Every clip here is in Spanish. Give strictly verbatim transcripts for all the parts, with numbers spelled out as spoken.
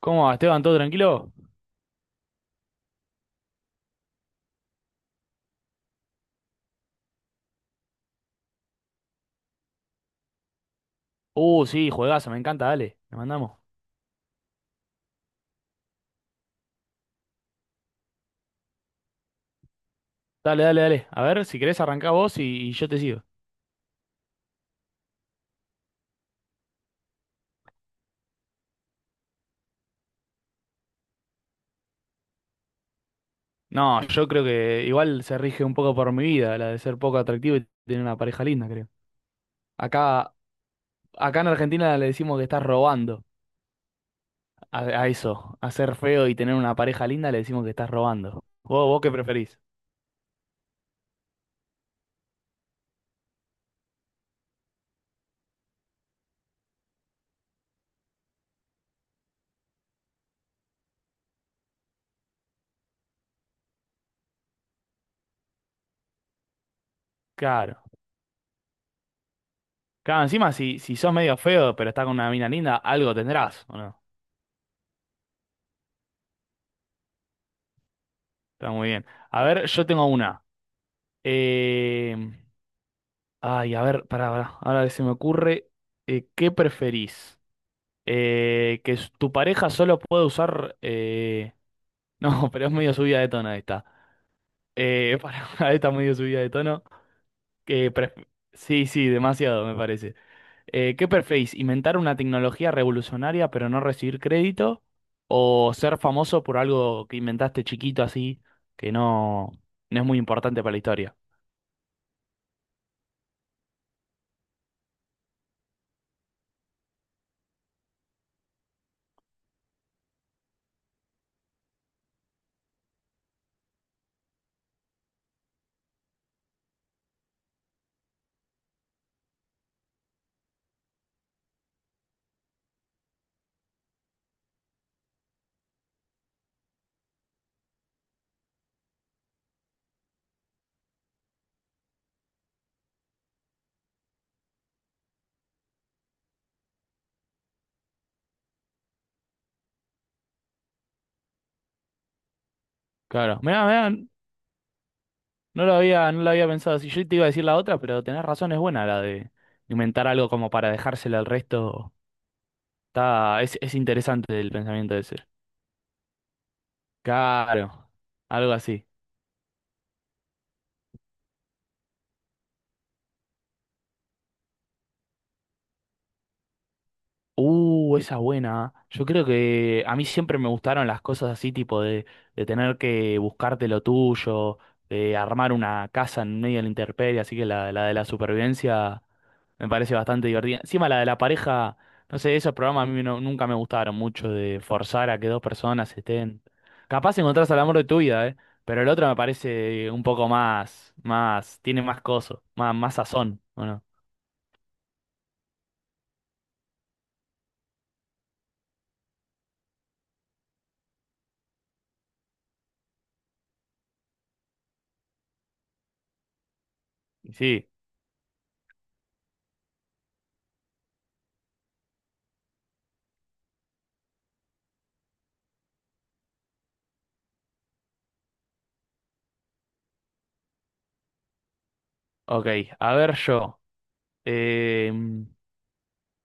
¿Cómo va, Esteban? ¿Todo tranquilo? Uh, sí, juegazo, me encanta, dale, le mandamos. Dale, dale, dale. A ver, si querés arrancá vos y, y yo te sigo. No, yo creo que igual se rige un poco por mi vida, la de ser poco atractivo y tener una pareja linda, creo. Acá, acá en Argentina le decimos que estás robando a, a eso, a ser feo y tener una pareja linda le decimos que estás robando. ¿Vos, vos qué preferís? Claro. Claro, encima si, si sos medio feo pero estás con una mina linda, algo tendrás, ¿o no? Está muy bien. A ver, yo tengo una. Eh... Ay, a ver, pará, pará. Ahora se me ocurre, eh, ¿qué preferís? Eh, ¿que s- tu pareja solo pueda usar. eh, No, pero es medio subida de tono esta. Eh, pará, esta es medio subida de tono. que pref- Sí, sí, demasiado me parece. Eh, ¿qué preferís? ¿Inventar una tecnología revolucionaria pero no recibir crédito? ¿O ser famoso por algo que inventaste chiquito así, que no, no es muy importante para la historia? Claro, mirá, mirá. No lo había, no lo había pensado así. Yo te iba a decir la otra, pero tenés razón, es buena la de inventar algo como para dejársela al resto. Está, es, es interesante el pensamiento de ser. Claro, algo así. Uh, esa buena, ¿eh? Yo creo que a mí siempre me gustaron las cosas así, tipo de, de tener que buscarte lo tuyo, de armar una casa en medio de la intemperie, así que la, la de la supervivencia me parece bastante divertida. Encima la de la pareja, no sé, esos programas a mí no- nunca me gustaron mucho de forzar a que dos personas estén. Capaz encontrás al amor de tu vida, ¿eh? Pero el otro me parece un poco más, más, tiene más coso, más, más sazón, ¿o no? Sí, ok, a ver yo. Em,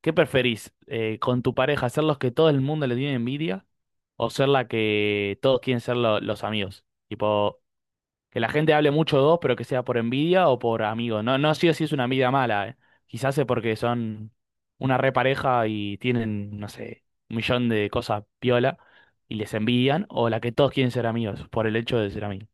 ¿Qué preferís? Eh, ¿con tu pareja ser los que todo el mundo le tiene envidia o ser la que todos quieren ser lo- los amigos? ¿Tipo, que la gente hable mucho de vos, pero que sea por envidia o por amigos? No, no sí o sí es una envidia mala, eh. Quizás es porque son una repareja y tienen, no sé, un millón de cosas piola y les envidian, o la que todos quieren ser amigos por el hecho de ser amigos.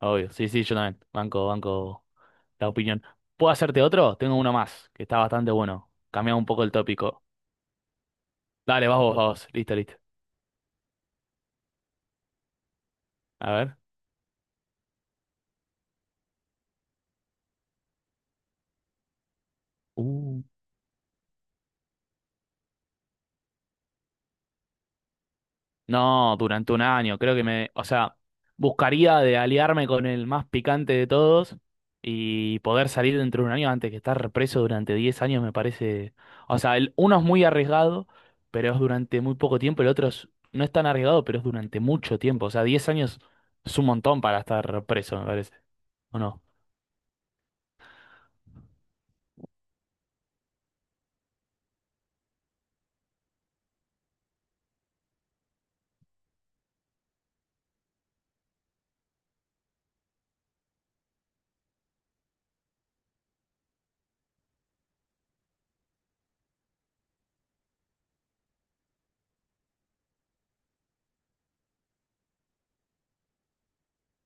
Obvio, sí, sí, yo también. Banco, banco la opinión. ¿Puedo hacerte otro? Tengo uno más, que está bastante bueno. Cambia un poco el tópico. Dale, vas vos, vas vos. Listo, listo. A ver. Uh. No, durante un año, creo que me, o sea, buscaría de aliarme con el más picante de todos y poder salir dentro de un año antes que estar preso durante diez años me parece, o sea, el, uno es muy arriesgado, pero es durante muy poco tiempo, el otro es- no es tan arriesgado, pero es durante mucho tiempo, o sea, diez años es un montón para estar preso, me parece, ¿o no?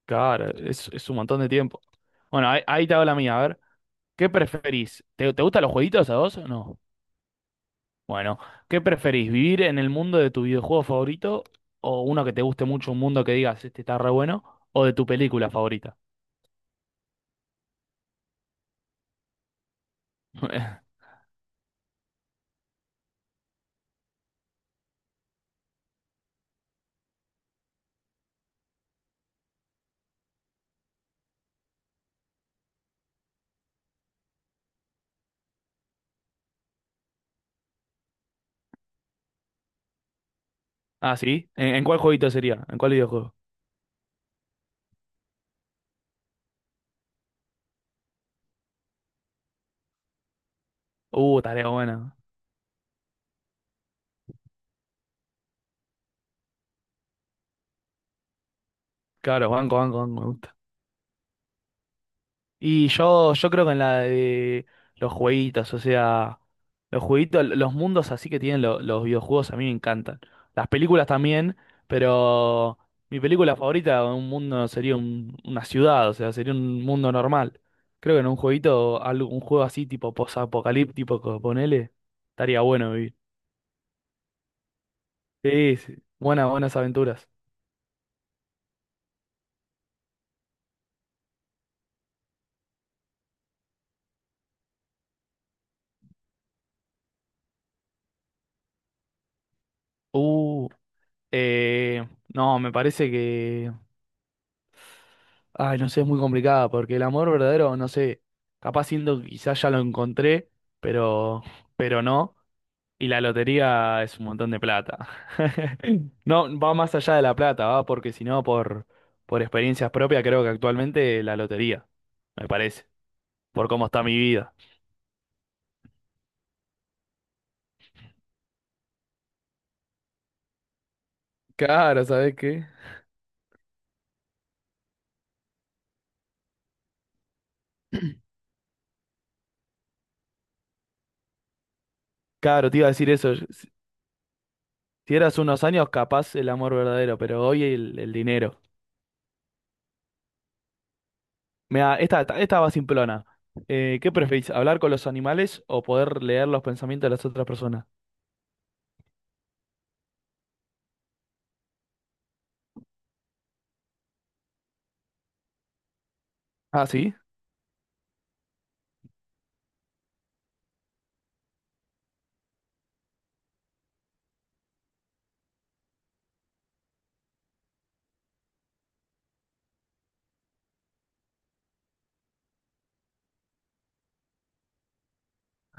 Claro, es, es un montón de tiempo. Bueno, ahí, ahí te hago la mía, a ver, ¿qué preferís? ¿Te, te gustan los jueguitos a vos o no? Bueno, ¿qué preferís? ¿Vivir en el mundo de tu videojuego favorito o uno que te guste mucho, un mundo que digas, este está re bueno, o de tu película favorita? Ah, ¿sí? ¿En, en cuál jueguito sería? ¿En cuál videojuego? Uh, tarea buena. Claro, banco, banco, banco. Y yo, yo creo que en la de los jueguitos, o sea, los jueguitos, los mundos así que tienen lo- los videojuegos a mí me encantan. Las películas también, pero mi película favorita de un mundo sería un- una ciudad, o sea, sería un mundo normal. Creo que en un jueguito, algo- un juego así tipo post-apocalíptico, co- ponele, estaría bueno vivir. Sí, sí. Buenas, buenas aventuras. Uh, eh, no, me parece que, ay, no sé, es muy complicada, porque el amor verdadero, no sé, capaz siento que quizás ya lo encontré, pero, pero no. Y la lotería es un montón de plata. No, va más allá de la plata, va porque si no, por, por experiencias propias, creo que actualmente la lotería, me parece, por cómo está mi vida. Claro, ¿sabes qué? Claro, te iba a decir eso. Si si eras unos años, capaz el amor verdadero, pero hoy el, el dinero. Mira, esta, esta esta va simplona. Eh, ¿qué preferís, hablar con los animales o poder leer los pensamientos de las otras personas? Ah, ¿sí?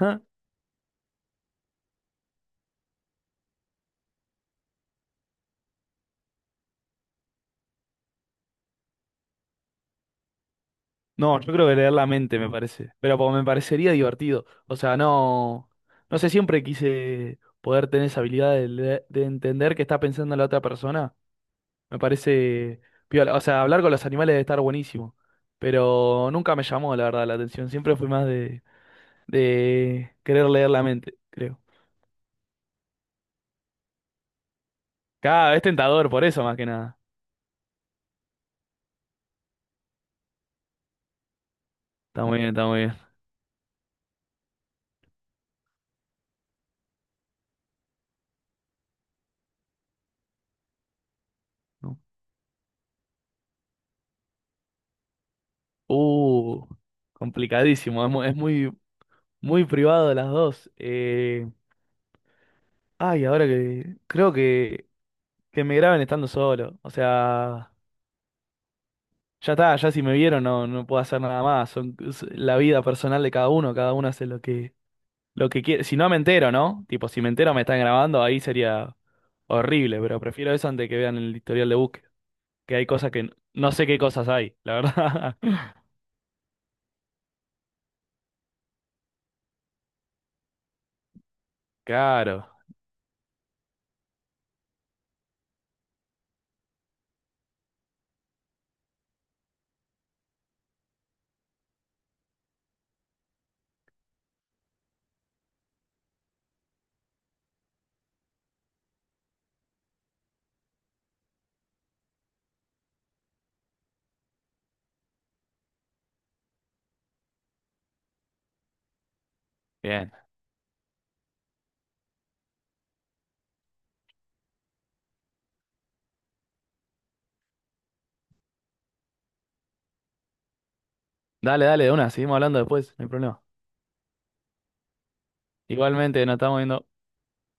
Ah, no, yo creo que leer la mente me parece, pero como me parecería divertido. O sea, no, no sé, siempre quise poder tener esa habilidad de, leer- de entender qué está pensando la otra persona. Me parece piola. O sea, hablar con los animales debe estar buenísimo, pero nunca me llamó, la verdad, la atención. Siempre fui más de, de, querer leer la mente, creo. Cada es tentador por eso más que nada. Está muy bien, está muy bien. ¿No? Uh, Complicadísimo. Es, mu- es muy, muy privado de las dos. Eh, ay, ahora que creo que, que me graben estando solo. O sea, ya está, ya si me vieron no, no puedo hacer nada más. Son, es la vida personal de cada uno, cada uno hace lo que, lo que quiere. Si no me entero, ¿no? Tipo, si me entero me están grabando, ahí sería horrible, pero prefiero eso antes que vean el historial de búsqueda. Que hay cosas que n- no sé qué cosas hay, la verdad. Claro, bien. Dale, dale, de una, seguimos hablando después, no hay problema. Igualmente, nos estamos viendo.